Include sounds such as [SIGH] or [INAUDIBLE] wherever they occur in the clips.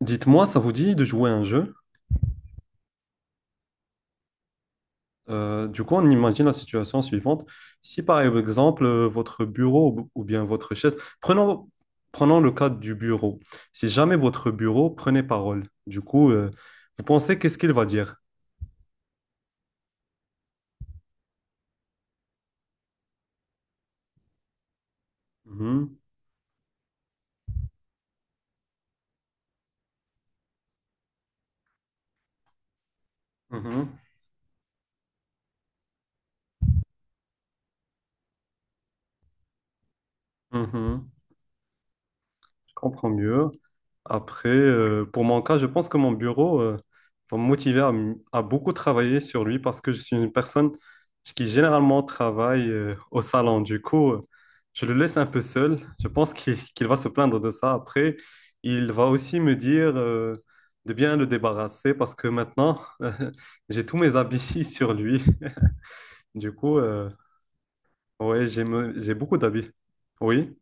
Dites-moi, ça vous dit de jouer à un jeu? Du coup, on imagine la situation suivante. Si par exemple, votre bureau ou bien votre chaise, prenons le cas du bureau. Si jamais votre bureau prenait parole, du coup, vous pensez qu'est-ce qu'il va dire? Mhm. Mhm. Mhm. Je comprends mieux. Après, pour mon cas, je pense que mon bureau va me motiver à, à beaucoup travailler sur lui parce que je suis une personne qui généralement travaille au salon. Du coup, je le laisse un peu seul. Je pense qu'il va se plaindre de ça. Après, il va aussi me dire de bien le débarrasser parce que maintenant, [LAUGHS] j'ai tous mes habits [LAUGHS] sur lui. Du coup, ouais, j'ai beaucoup d'habits. Oui.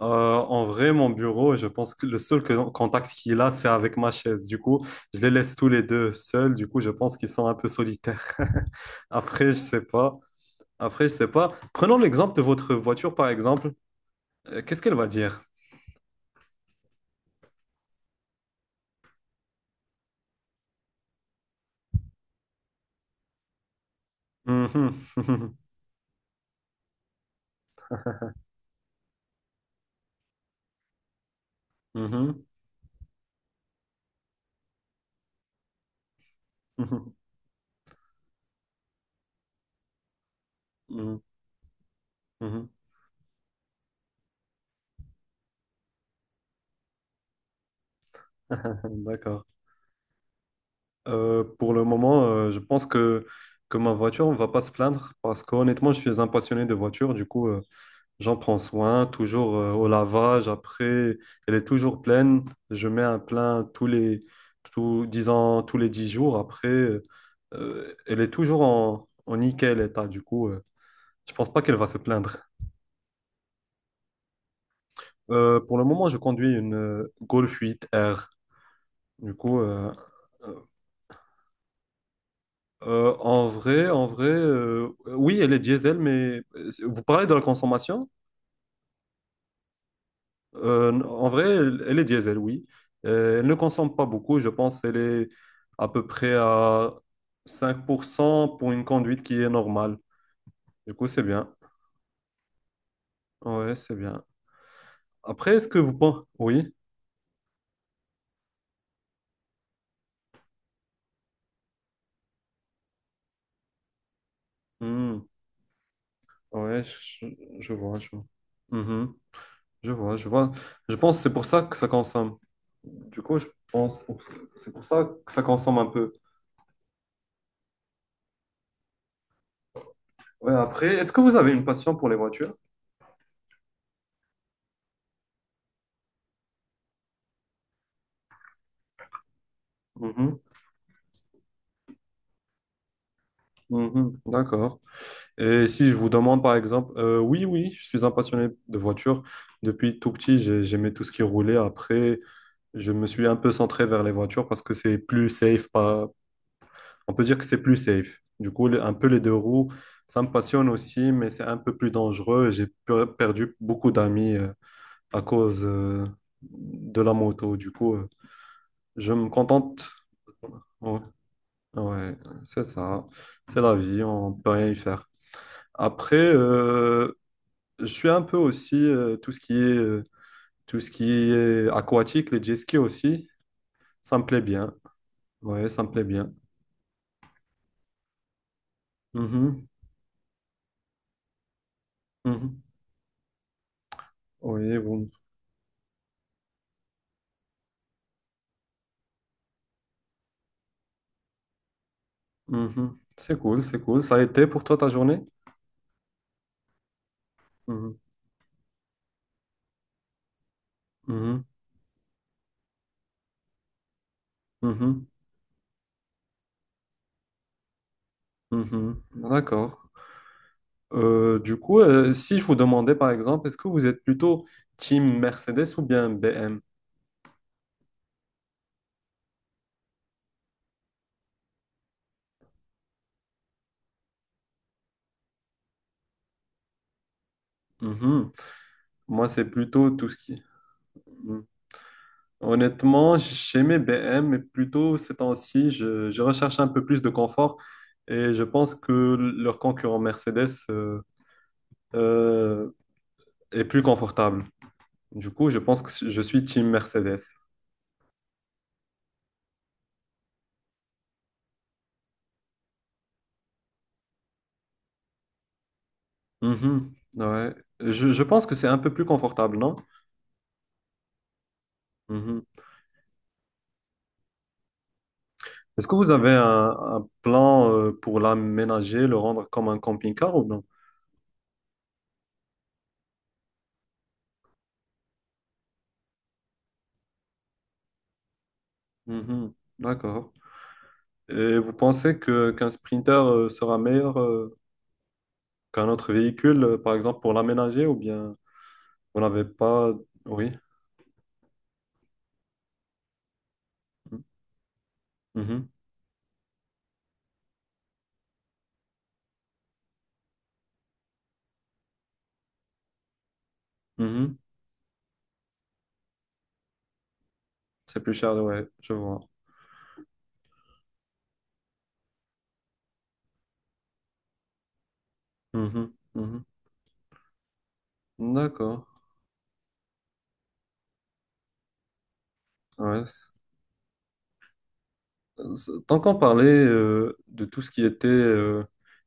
Euh, En vrai, mon bureau, je pense que le seul contact qu'il a, c'est avec ma chaise. Du coup, je les laisse tous les deux seuls. Du coup, je pense qu'ils sont un peu solitaires. [LAUGHS] Après, je sais pas. Après, je sais pas. Prenons l'exemple de votre voiture, par exemple. Qu'est-ce qu'elle va dire? Mhm. [LAUGHS] Mhm. Mhm. Mhm. Mhm. Mhm. [LAUGHS] D'accord. Pour le moment, je pense que ma voiture ne va pas se plaindre parce qu'honnêtement, je suis un passionné de voiture. Du coup, j'en prends soin, toujours au lavage. Après, elle est toujours pleine. Je mets un plein disons, tous les 10 jours. Après, elle est toujours en nickel état. Du coup, je pense pas qu'elle va se plaindre. Pour le moment, je conduis une Golf 8R. Du coup, euh, en vrai, oui, elle est diesel, mais vous parlez de la consommation? En vrai, elle est diesel, oui. Elle ne consomme pas beaucoup, je pense qu'elle est à peu près à 5% pour une conduite qui est normale. Du coup, c'est bien. Ouais, c'est bien. Après, est-ce que vous pensez... Oui. Hmm. Ouais, je vois, je vois. Mhm. Je vois, je vois. Je pense que c'est pour ça que ça consomme. Du coup, c'est pour ça que ça consomme un peu. Ouais, après, est-ce que vous avez une passion pour les voitures? Mhm. Mhm. D'accord. Et si je vous demande par exemple, oui, oui, je suis un passionné de voitures. Depuis tout petit, j'aimais tout ce qui roulait. Après, je me suis un peu centré vers les voitures parce que c'est plus safe. Pas... On peut dire que c'est plus safe. Du coup, un peu les deux roues, ça me passionne aussi, mais c'est un peu plus dangereux. Perdu beaucoup d'amis à cause de la moto. Du coup, je me contente. Ouais, ouais, c'est ça. C'est la vie, on peut rien y faire. Après, je suis un peu aussi tout ce qui est aquatique, les jet skis aussi, ça me plaît bien. Ouais, ça me plaît bien. Mhm. Mhm. Oui, bon. Mhm. C'est cool, c'est cool. Ça a été pour toi ta journée? Mhm. Mhm. Mhm. Mhm. D'accord. Du coup, si je vous demandais par exemple, est-ce que vous êtes plutôt team Mercedes ou bien BM? Mhm. Moi, c'est plutôt tout ce qui. Honnêtement, chez mes BM, mais plutôt ces temps-ci, je recherche un peu plus de confort et je pense que leur concurrent Mercedes euh, est plus confortable. Du coup, je pense que je suis team Mercedes. Mhm, ouais. Je pense que c'est un peu plus confortable, non? Mhm. Est-ce que vous avez un plan pour l'aménager, le rendre comme un camping-car ou non? Mhm. D'accord. Et vous pensez que qu'un sprinter sera meilleur? Qu'un autre véhicule, par exemple, pour l'aménager ou bien vous n'avez pas... Oui. Mhm. Mhm. C'est plus cher, ouais, je vois. Mhm. Mhm. D'accord. Ouais, tant qu'on parlait de tout ce qui était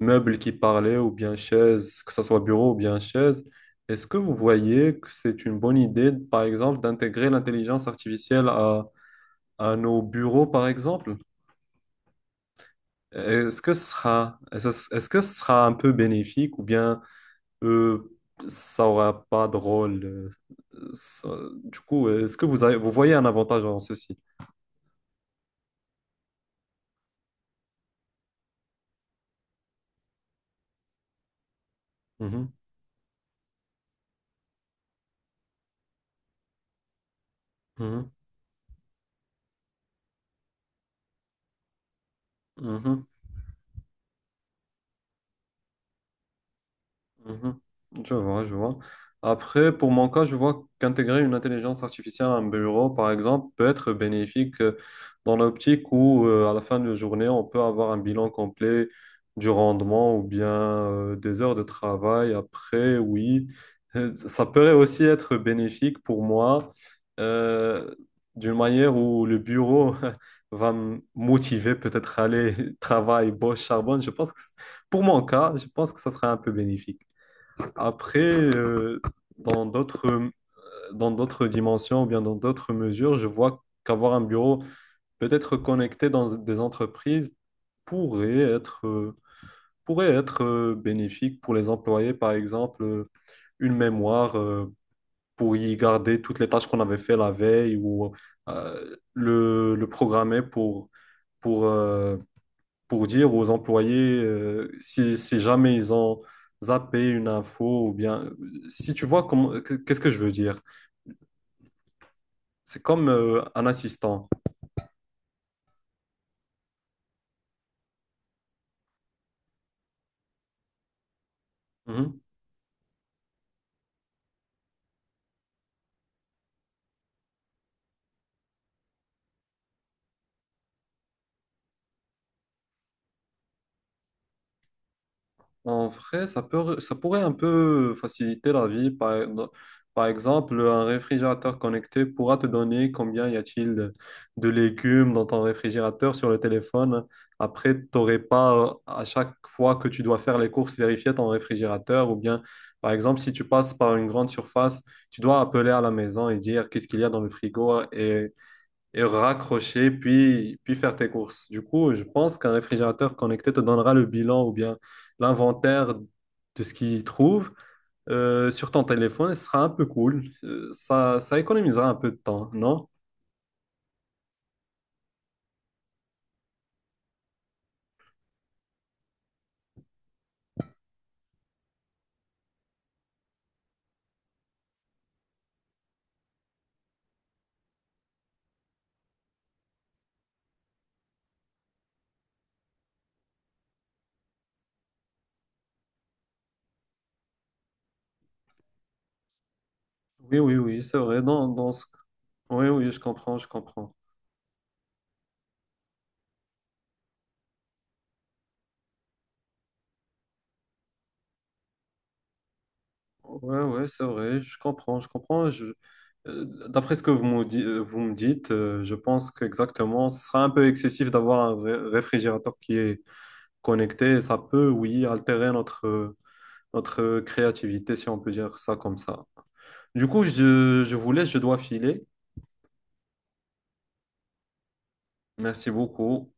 meubles qui parlaient ou bien chaises, que ce soit bureau ou bien chaise, est-ce que vous voyez que c'est une bonne idée, par exemple, d'intégrer l'intelligence artificielle à nos bureaux, par exemple? Est-ce que ce sera, est-ce que ce sera un peu bénéfique ou bien... euh, ça aura pas de rôle. Ça- Du coup, est-ce que vous voyez un avantage en ceci? Mhm. Mhm. Mhm. Mhm. Je vois, je vois. Après, pour mon cas, je vois qu'intégrer une intelligence artificielle à un bureau, par exemple, peut être bénéfique dans l'optique où, à la fin de la journée, on peut avoir un bilan complet du rendement ou bien des heures de travail. Après, oui. Ça peut aussi être bénéfique pour moi euh, d'une manière où le bureau [LAUGHS] va me motiver peut-être à aller [LAUGHS] travailler, bosse, charbonne. Je pense que, pour mon cas, je pense que ça serait un peu bénéfique. Après, euh, dans d'autres, dans d'autres dimensions ou bien dans d'autres mesures, je vois qu'avoir un bureau peut-être connecté dans des entreprises pourrait être, bénéfique pour les employés, par exemple, une mémoire pour y garder toutes les tâches qu'on avait fait la veille ou le programmer pour, euh, pour dire aux employés si, si jamais ils ont zappé une info ou bien si tu vois comment qu'est-ce que je veux dire. C'est comme un assistant. Mhm. En vrai, ça peut, ça pourrait un peu faciliter la vie. Par exemple, un réfrigérateur connecté pourra te donner combien y a-t-il de légumes dans ton réfrigérateur sur le téléphone. Après, tu n'aurais pas à chaque fois que tu dois faire les courses vérifier ton réfrigérateur. Ou bien, par exemple, si tu passes par une grande surface, tu dois appeler à la maison et dire qu'est-ce qu'il y a dans le frigo et raccrocher, puis faire tes courses. Du coup, je pense qu'un réfrigérateur connecté te donnera le bilan ou bien l'inventaire de ce qu'il trouve sur ton téléphone, et ce sera un peu cool. Ça économisera un peu de temps, non? Oui, oui, oui, c'est vrai. Dans ce... Oui, oui, je comprends, je comprends. Ouais, ouais, c'est vrai, je comprends, je comprends. Je... D'après ce que vous me dites, je pense qu'exactement, ce sera un peu excessif d'avoir un réfrigérateur qui est connecter, ça peut, oui, altérer notre créativité, si on peut dire ça comme ça. Du coup, je vous laisse, je dois filer. Merci beaucoup.